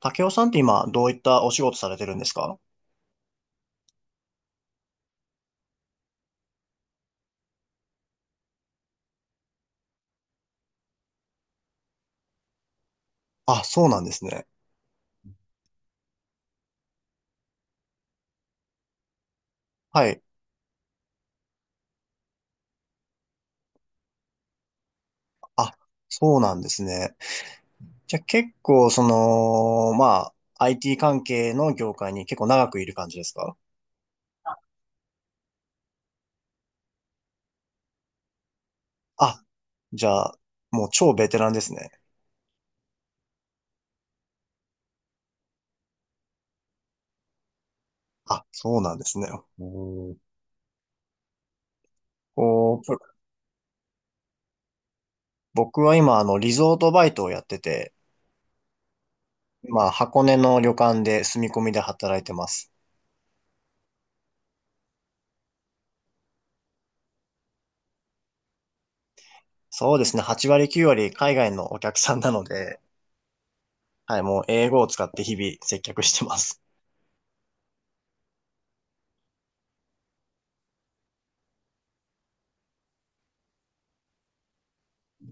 竹雄さんって今、どういったお仕事されてるんですか？あ、そうなんですね。はい。あ、そうなんですね。じゃあ結構、その、まあ、IT 関係の業界に結構長くいる感じですか？あ、じゃあ、もう超ベテランですね。あ、そうなんですね。おー、こう、僕は今、リゾートバイトをやってて、まあ、箱根の旅館で住み込みで働いてます。そうですね、8割9割海外のお客さんなので、はい、もう英語を使って日々接客してます。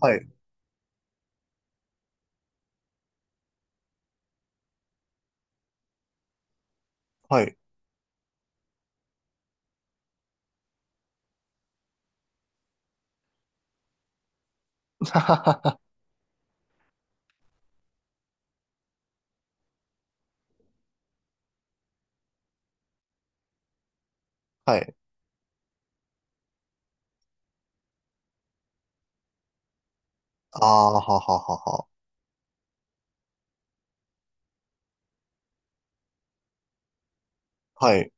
はい、はい。はい。ああ、はははは。はい。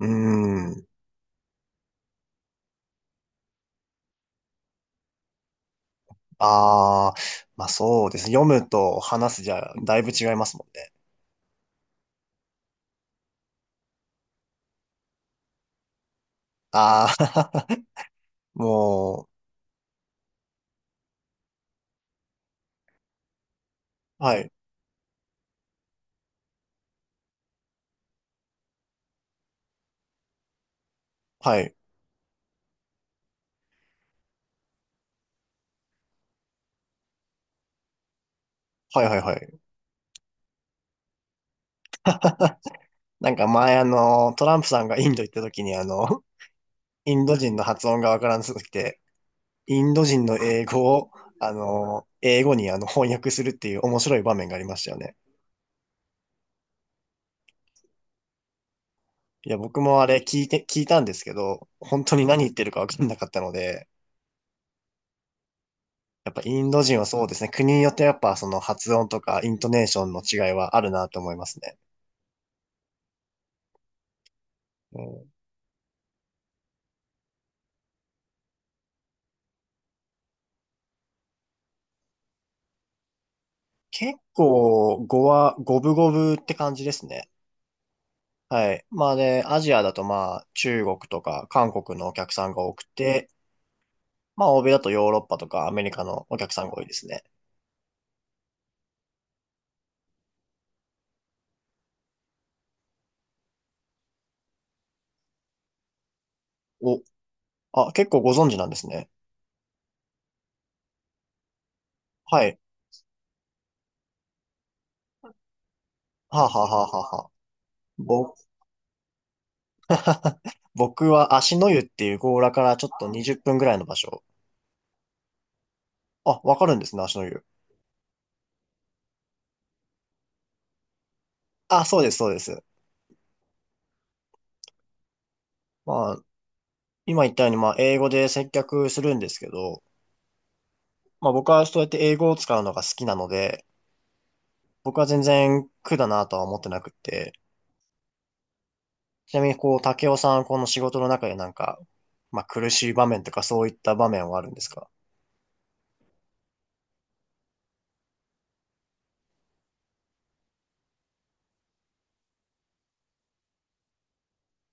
うーん。ああ、まあそうですね。読むと話すじゃ、だいぶ違いますもんね。ああ、もう、はい、はい、はい、はい、はい。なんか前トランプさんがインド行った時にインド人の発音がわからなすぎて、インド人の英語を、英語に翻訳するっていう面白い場面がありましたよね。いや、僕もあれ聞いたんですけど、本当に何言ってるかわかんなかったので、やっぱインド人はそうですね。国によってやっぱその発音とかイントネーションの違いはあるなと思いますね。うん、結構語は五分五分って感じですね。はい。まあで、アジアだとまあ中国とか韓国のお客さんが多くて、まあ欧米だとヨーロッパとかアメリカのお客さんが多いですね。お、あ、結構ご存知なんですね。はい。はあ、はあはあはあはあ、ぼ、僕は足の湯っていう強羅からちょっと20分ぐらいの場所。あ、わかるんですね、足の湯。あ、そうです、そうです。まあ、今言ったように、まあ、英語で接客するんですけど、まあ、僕はそうやって英語を使うのが好きなので、僕は全然苦だなとは思ってなくって、ちなみに、こう、竹雄さん、この仕事の中でなんか、まあ、苦しい場面とかそういった場面はあるんですか？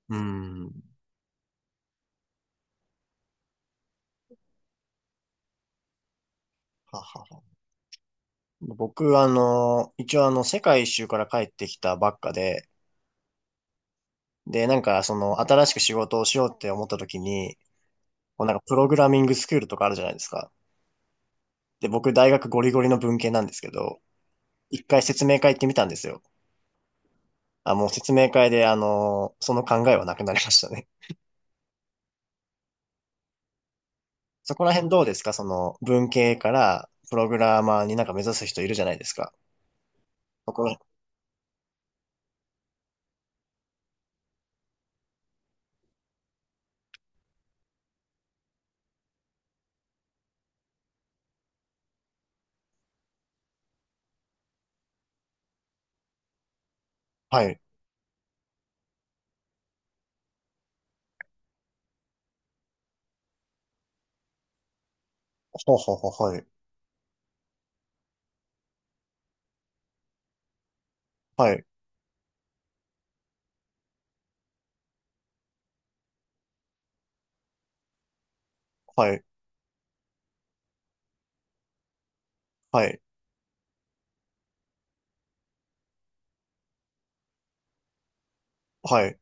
うーん。ははは。僕、一応世界一周から帰ってきたばっかで、で、なんか、その、新しく仕事をしようって思った時に、こうなんか、プログラミングスクールとかあるじゃないですか。で、僕、大学ゴリゴリの文系なんですけど、一回説明会行ってみたんですよ。あ、もう説明会で、その考えはなくなりましたね。そこら辺どうですか？その、文系からプログラマーになんか目指す人いるじゃないですか。そこ、はい。ほうほうほう、はい。はい。はい。はい。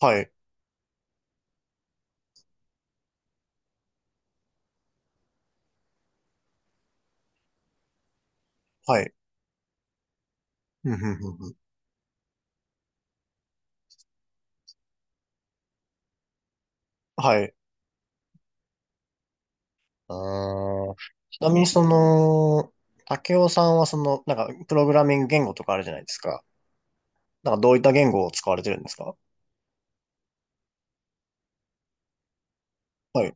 はい。はい。はい。ふんふんふんふんはい。あー、ちなみにその、竹雄さんはその、なんか、プログラミング言語とかあるじゃないですか。なんか、どういった言語を使われてるんですか？はい。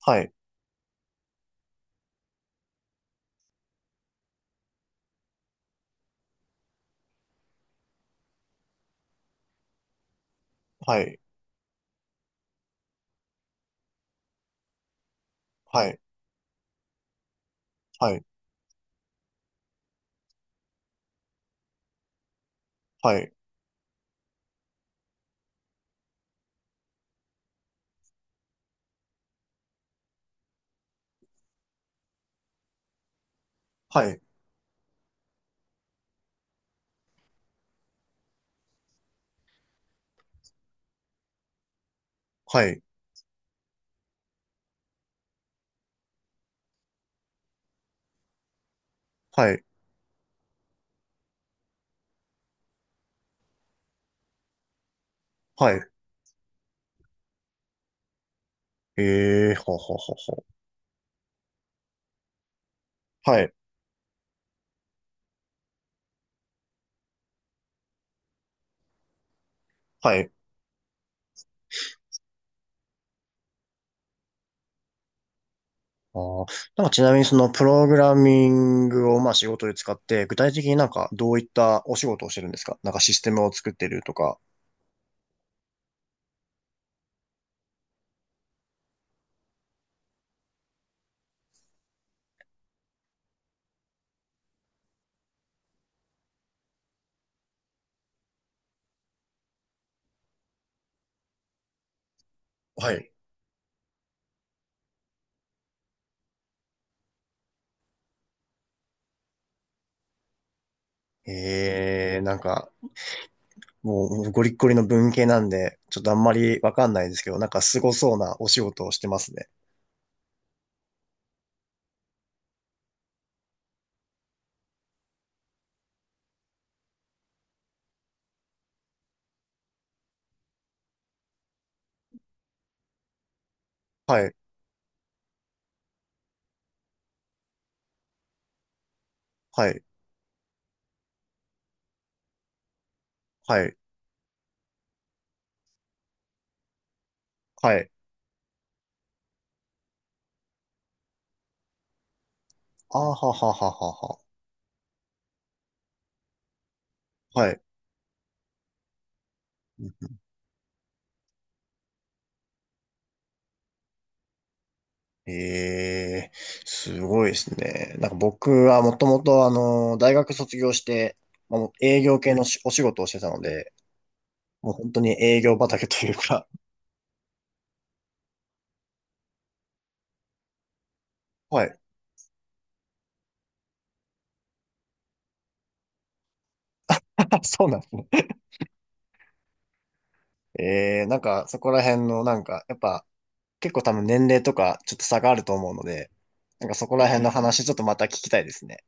はい。はい。はい。はい。はい。はい。はい。はい、はい。ええー、ほうほうほうほう。はい、はい。あー、なんかちなみにそのプログラミングをまあ仕事で使って、具体的になんかどういったお仕事をしてるんですか？なんかシステムを作ってるとか。はい。ええー、なんかもうゴリッゴリの文系なんで、ちょっとあんまりわかんないですけど、なんかすごそうなお仕事をしてますね。はい、はい、はい、はい。あーははははは。はい。ええ、すごいですね。なんか僕はもともと大学卒業して、まあ、もう営業系のしお仕事をしてたので、もう本当に営業畑というか、はい。そうなんですね。ええ、なんかそこら辺のなんか、やっぱ結構多分年齢とかちょっと差があると思うので、なんかそこら辺の話ちょっとまた聞きたいですね。